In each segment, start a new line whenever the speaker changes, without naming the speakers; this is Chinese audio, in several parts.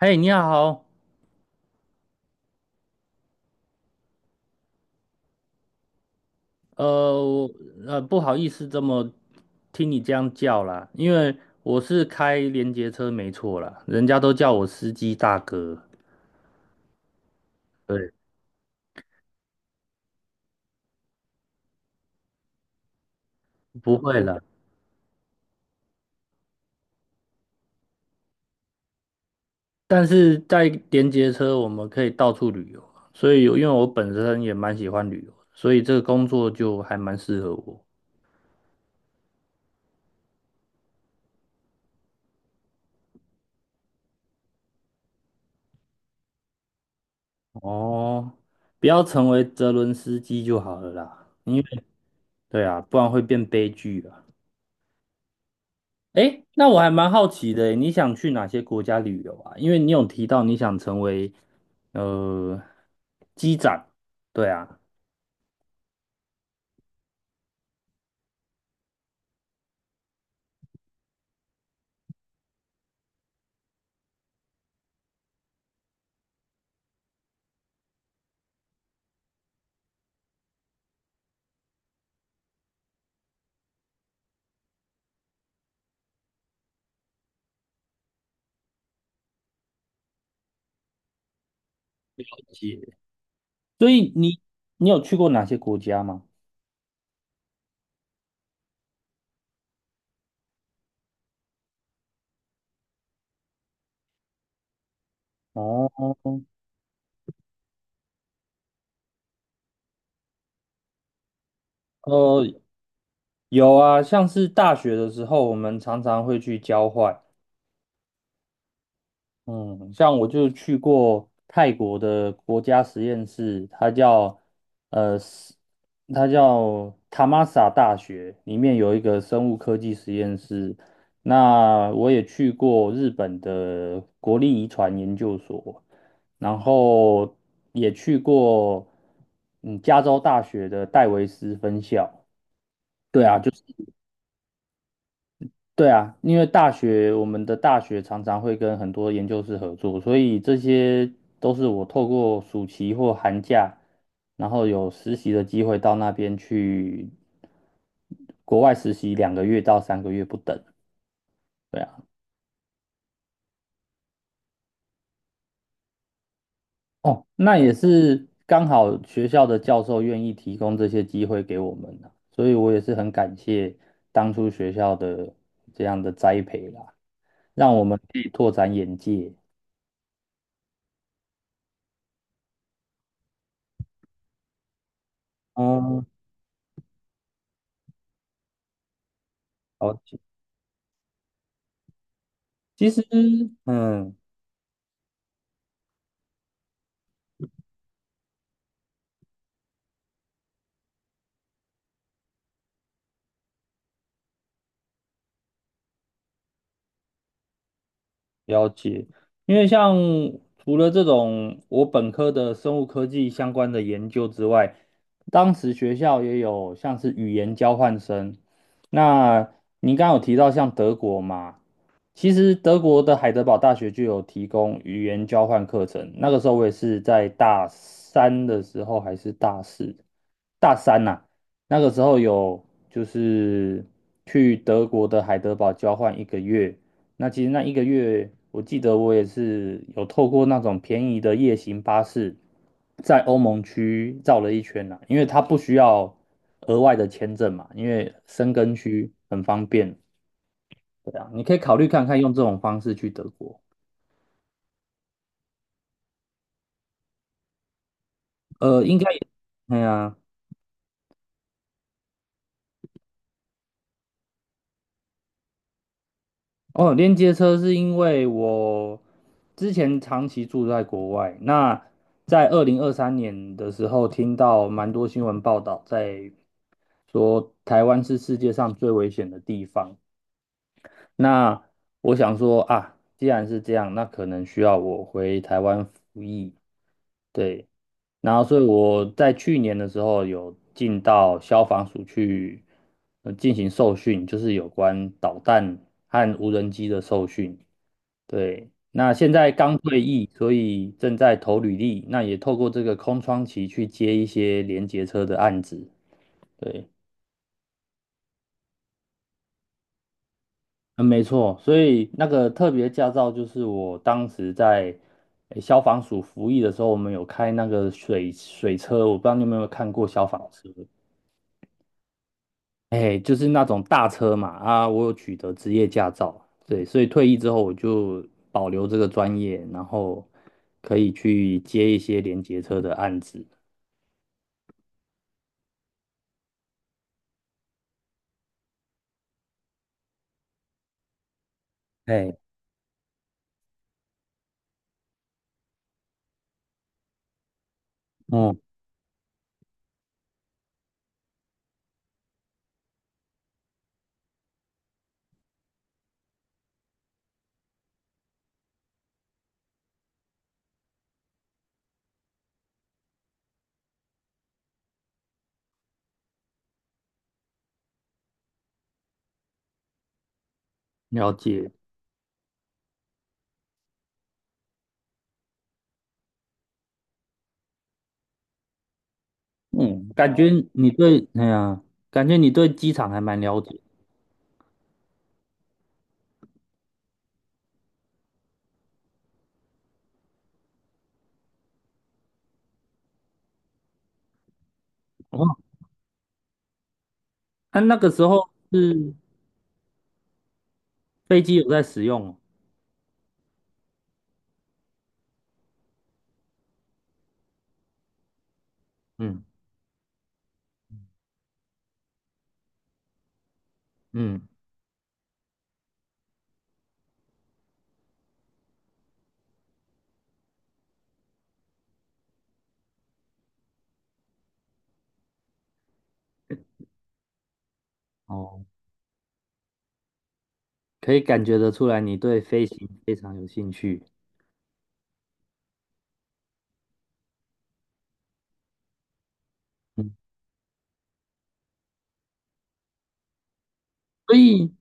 嘿，你好。呃，我不好意思，这么听你这样叫啦，因为我是开连接车没错啦，人家都叫我司机大哥。对，不会啦。但是在连接车，我们可以到处旅游啊，所以有因为我本身也蛮喜欢旅游，所以这个工作就还蛮适合我。哦，不要成为泽伦斯基就好了啦，因为对啊，不然会变悲剧啊。诶，那我还蛮好奇的，你想去哪些国家旅游啊？因为你有提到你想成为呃机长，对啊，是所以你有去过哪些国家吗？哦，呃，有啊，像是大学的时候，我们常常会去交换。嗯，像我就去过泰国的国家实验室，它叫呃，是它叫塔玛萨大学，里面有一个生物科技实验室。那我也去过日本的国立遗传研究所，然后也去过嗯加州大学的戴维斯分校。对啊，就是。对啊，因为大学，我们的大学常常会跟很多研究室合作，所以这些都是我透过暑期或寒假，然后有实习的机会到那边去国外实习两个月到三个月不等。对啊。哦，那也是刚好学校的教授愿意提供这些机会给我们啊，所以我也是很感谢当初学校的这样的栽培啦，让我们可以拓展眼界。好其实，嗯，了解，因为像除了这种我本科的生物科技相关的研究之外，当时学校也有像是语言交换生。那您刚刚有提到像德国嘛，其实德国的海德堡大学就有提供语言交换课程。那个时候我也是在大三的时候还是大四，大三呐、那个时候有就是去德国的海德堡交换一个月。那其实那一个月，我记得我也是有透过那种便宜的夜行巴士，在欧盟区绕了一圈啦，因为它不需要额外的签证嘛，因为申根区很方便。对啊，你可以考虑看看用这种方式去德国。应该也，哎啊。哦，连接车是因为我之前长期住在国外，那在二零二三年的时候，听到蛮多新闻报道在说台湾是世界上最危险的地方。那我想说啊，既然是这样，那可能需要我回台湾服役。对，然后所以我在去年的时候有进到消防署去进行受训，就是有关导弹和无人机的受训。对，那现在刚退役，所以正在投履历，那也透过这个空窗期去接一些连结车的案子。对，嗯，没错，所以那个特别驾照就是我当时在消防署服役的时候，我们有开那个水车我不知道你有没有看过消防车。哎，就是那种大车嘛，啊，我有取得职业驾照，对，所以退役之后我就保留这个专业，然后可以去接一些连结车的案子。哎，哦，了解。嗯，感觉你对，哎呀，感觉你对机场还蛮了解的哦。那、那个时候是飞机有在使用哦？嗯嗯，哦，可以感觉得出来你对飞行非常有兴趣。嗯，所以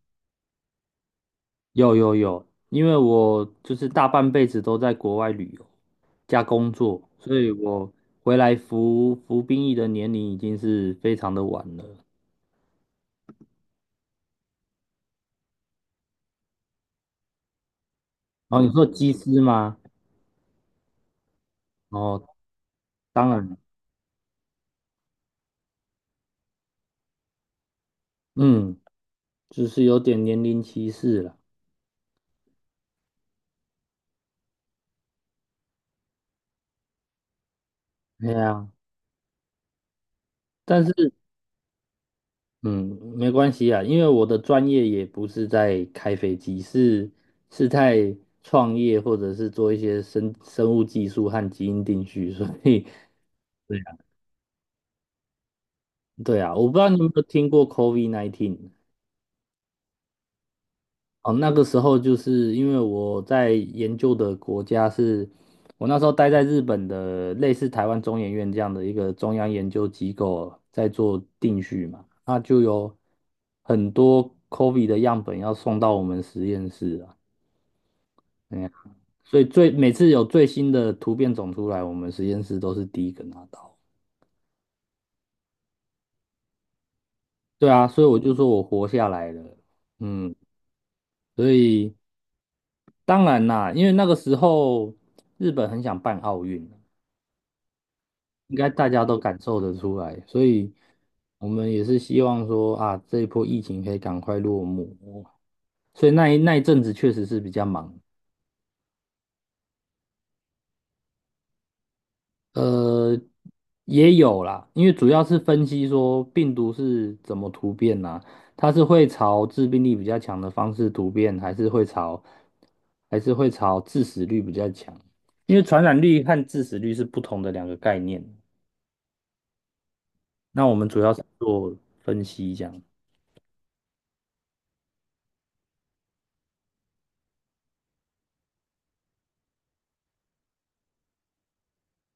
有有有，因为我就是大半辈子都在国外旅游加工作，所以我回来服兵役的年龄已经是非常的晚了。哦，你说机师吗？哦，当然，嗯。就是有点年龄歧视了。对呀，但是嗯，没关系啊，因为我的专业也不是在开飞机，是是在创业或者是做一些生物技术和基因定序，所以对啊，对啊，我不知道你有没有听过 COVID-19。哦，那个时候就是因为我在研究的国家是，我那时候待在日本的类似台湾中研院这样的一个中央研究机构，在做定序嘛，那就有很多 COVID 的样本要送到我们实验室啊。哎呀，所以最每次有最新的突变种出来，我们实验室都是第一个拿到。对啊，所以我就说我活下来了。嗯，所以当然啦，因为那个时候日本很想办奥运。应该大家都感受得出来，所以我们也是希望说啊，这一波疫情可以赶快落幕。所以那一阵子确实是比较忙。呃，也有啦，因为主要是分析说病毒是怎么突变呐、它是会朝致病力比较强的方式突变，还是会朝致死率比较强？因为传染率和致死率是不同的两个概念。那我们主要是做分析这样。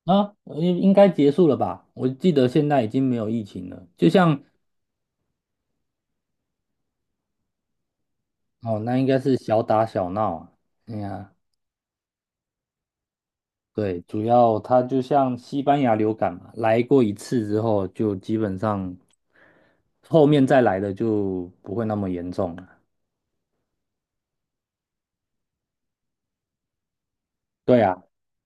啊，应该结束了吧？我记得现在已经没有疫情了，就像哦，那应该是小打小闹啊。哎呀，对，主要它就像西班牙流感嘛，来过一次之后，就基本上后面再来的就不会那么严重了。对啊，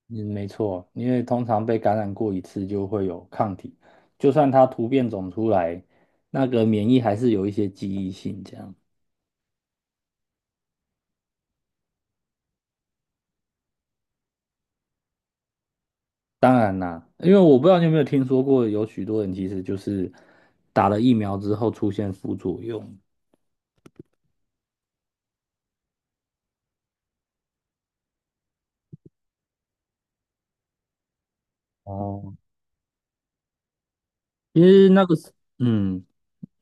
嗯，没错，因为通常被感染过一次就会有抗体，就算它突变种出来，那个免疫还是有一些记忆性这样。当然啦，因为我不知道你有没有听说过，有许多人其实就是打了疫苗之后出现副作用。哦，其实那个时，嗯，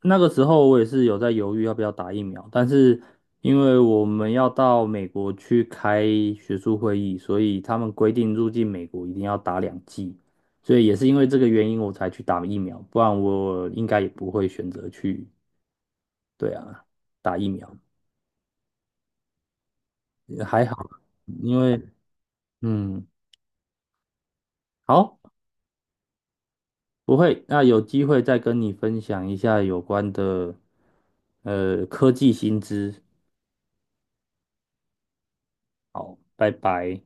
那个时候我也是有在犹豫要不要打疫苗，但是因为我们要到美国去开学术会议，所以他们规定入境美国一定要打两剂，所以也是因为这个原因我才去打疫苗，不然我应该也不会选择去。对啊，打疫苗，也还好，因为，嗯，好。不会，那有机会再跟你分享一下有关的科技新知。好，拜拜。